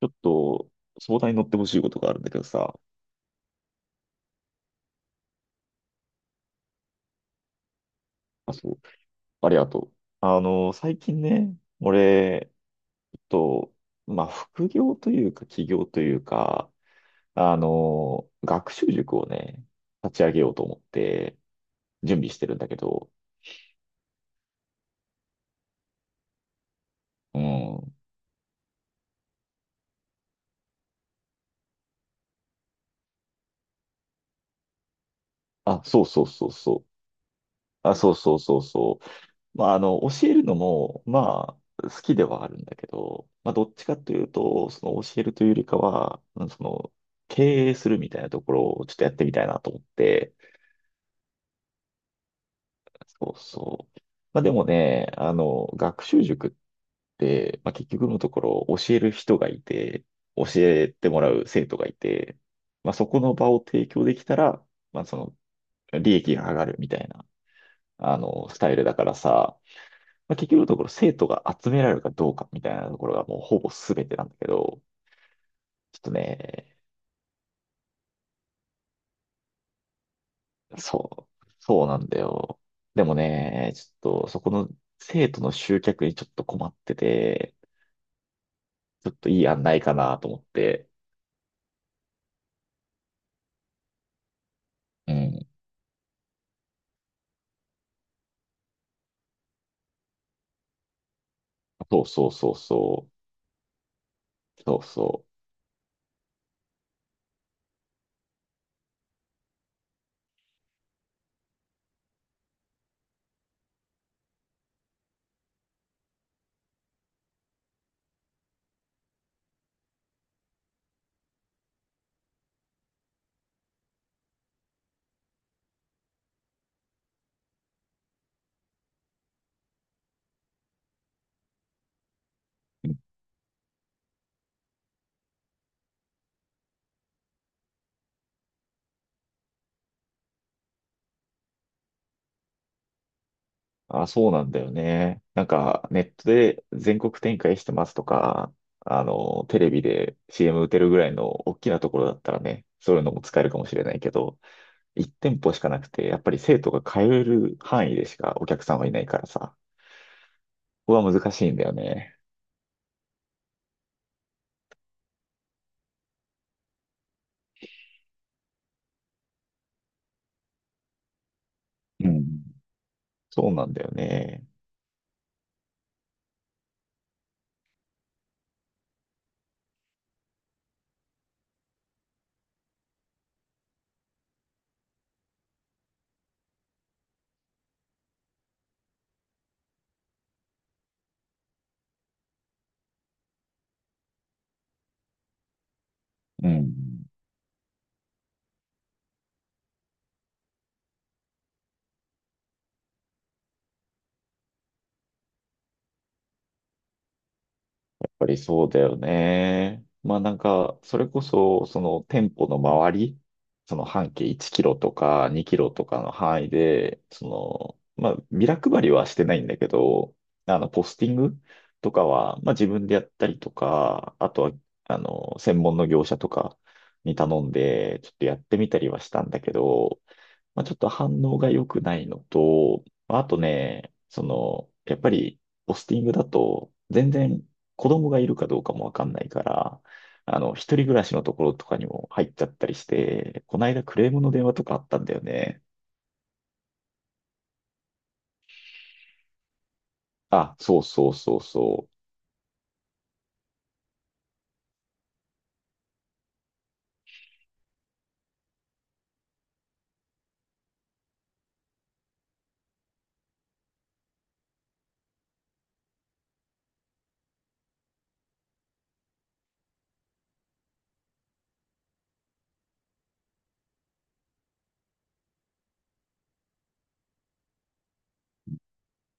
ちょっと、相談に乗ってほしいことがあるんだけどさ。あ、そう。ありがとう。最近ね、俺、ちょっと、まあ、副業というか、起業というか、学習塾をね、立ち上げようと思って、準備してるんだけど、うん。あ、そうそうそうそう。あ、そうそうそうそう。まあ、教えるのも、まあ、好きではあるんだけど、まあ、どっちかというと、その教えるというよりかは、うんその、経営するみたいなところをちょっとやってみたいなと思って、そうそう。まあ、でもね、学習塾って、まあ、結局のところ、教える人がいて、教えてもらう生徒がいて、まあ、そこの場を提供できたら、まあ、その、利益が上がるみたいな、スタイルだからさ、まあ、結局のところ生徒が集められるかどうかみたいなところがもうほぼ全てなんだけど、ちょっとね、そう、そうなんだよ。でもね、ちょっとそこの生徒の集客にちょっと困ってて、ちょっといい案ないかなと思って。うん。そうそうそうそう。そうそう。うん。あ、そうなんだよね。なんかネットで全国展開してますとか、テレビで CM 打てるぐらいの大きなところだったらね、そういうのも使えるかもしれないけど、1店舗しかなくて、やっぱり生徒が通える範囲でしかお客さんはいないからさ、ここは難しいんだよね。うん。そうなんだよね。うん。ぱりそうだよね。まあなんか、それこそ、その店舗の周り、その半径1キロとか2キロとかの範囲で、その、まあビラ配りはしてないんだけど、ポスティングとかは、まあ自分でやったりとか、あとは、専門の業者とかに頼んで、ちょっとやってみたりはしたんだけど、まあ、ちょっと反応が良くないのと、まああとね、その、やっぱり、ポスティングだと、全然子供がいるかどうかもわかんないから、一人暮らしのところとかにも入っちゃったりして、この間クレームの電話とかあったんだよね。あ、そうそうそうそう。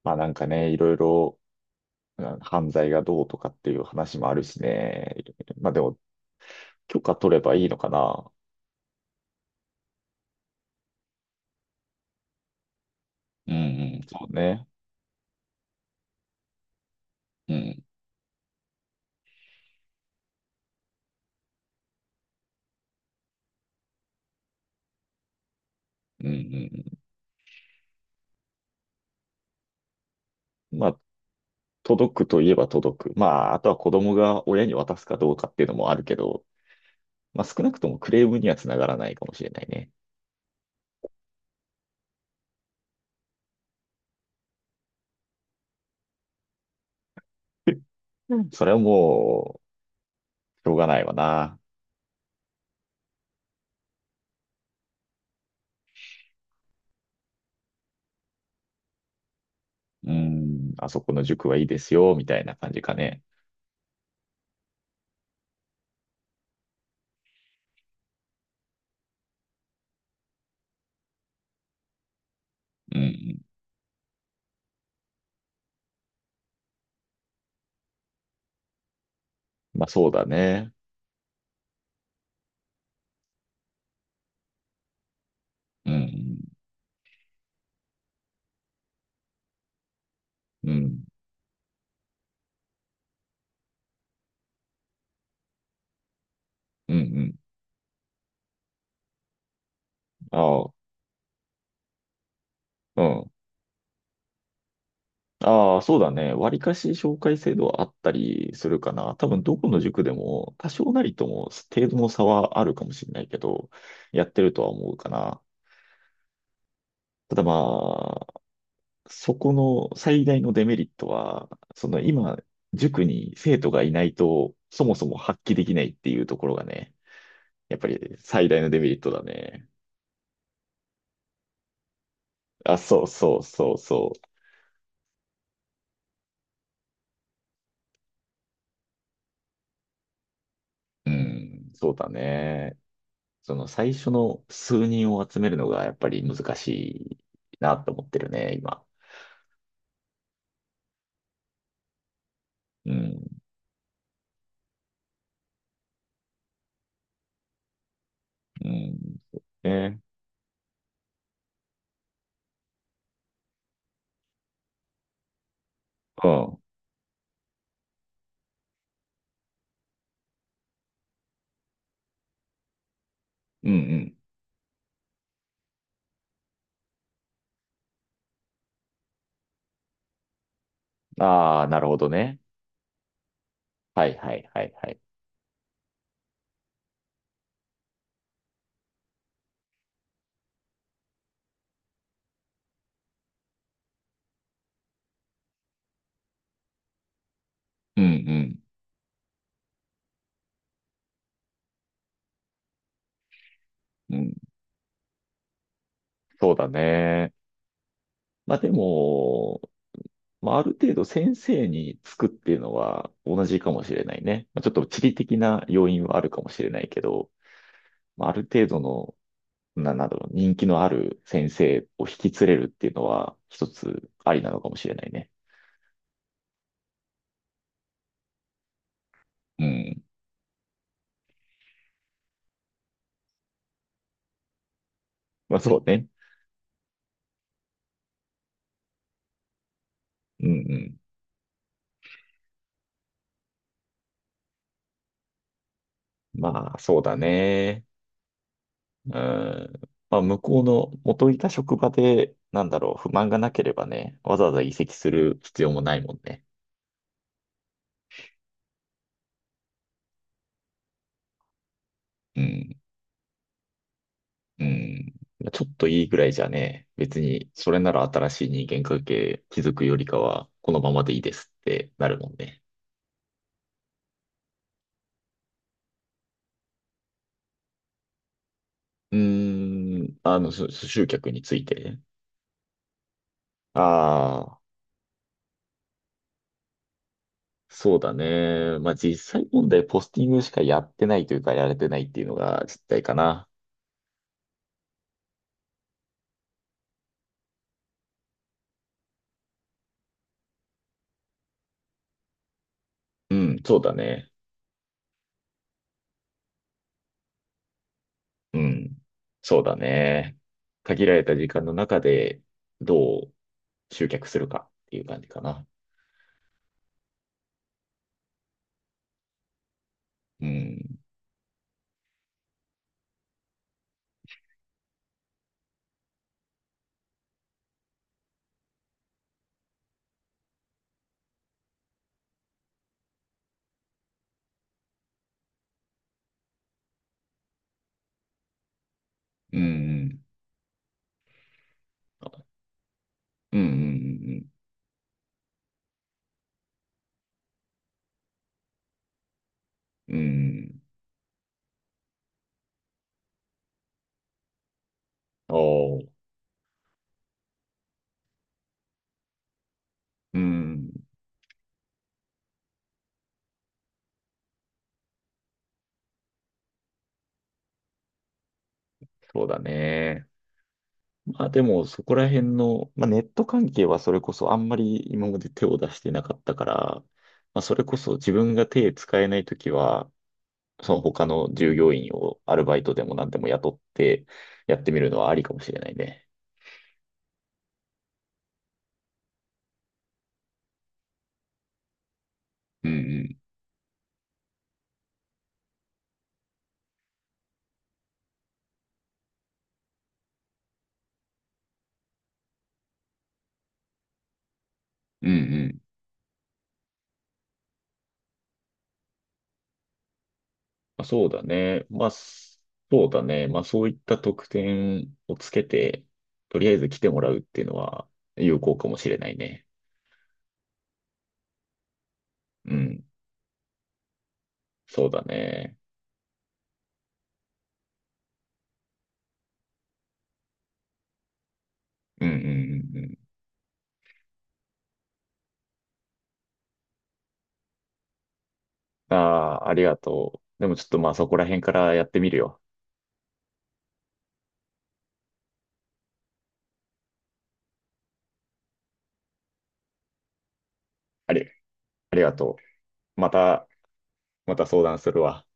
まあなんかね、いろいろ、うん犯罪がどうとかっていう話もあるしね。まあでも、許可取ればいいのかな。うんうん、そうね。うん、うん、うん。まあ、届くといえば届く。まあ、あとは子供が親に渡すかどうかっていうのもあるけど、まあ少なくともクレームにはつながらないかもしれないね。うん。それはもう、しょうがないわな。うん、あそこの塾はいいですよ、みたいな感じかね。うん。まあそうだね。うん。うん。うん。うんああ、うん。ああ、そうだね。割かし紹介制度はあったりするかな。多分どこの塾でも多少なりとも程度の差はあるかもしれないけど、やってるとは思うかな。ただまあ、そこの最大のデメリットは、その今、塾に生徒がいないと、そもそも発揮できないっていうところがね、やっぱり最大のデメリットだね。あ、そうそうそうそう。うん、そうだね。その最初の数人を集めるのがやっぱり難しいなと思ってるね、今。うん、うん、ね、うん、うん、うん。ああ、なるほどね。はいはいはいはい。うん、うん、うん。そうだね。まあでも、まあある程度先生につくっていうのは同じかもしれないね。まあ、ちょっと地理的な要因はあるかもしれないけど、まあある程度の、な、なんだろう、人気のある先生を引き連れるっていうのは一つありなのかもしれないね。うん。まあそうね。うんうん。まあそうだね。うん。まあ向こうの元いた職場で、なんだろう、不満がなければね、わざわざ移籍する必要もないもんね。うん。うん。ちょっといいぐらいじゃね、別にそれなら新しい人間関係築くよりかは、このままでいいですってなるもんね。うーん、そそ集客について。ああ、そうだね。まあ、実際問題、ポスティングしかやってないというか、やれてないっていうのが実態かな。うん、そうだね。うん、そうだね。限られた時間の中で、どう集客するかっていう感じかな。うん、うん、うん、うん、うん、うん。うんうん。おー。うん。そうだね。まあでも、そこら辺の、まあネット関係はそれこそあんまり今まで手を出してなかったから、まあそれこそ自分が手使えないときは、その他の従業員をアルバイトでも何でも雇ってやってみるのはありかもしれないね。うんうん。うんうん。まあ、そうだね。まあ、すそうだね。まあそういった特典をつけて、とりあえず来てもらうっていうのは有効かもしれないね。うん。そうだね。うんうんうんうん。ああ、ありがとう。でもちょっとまあそこら辺からやってみるよ。あり、ありがとう。また、また相談するわ。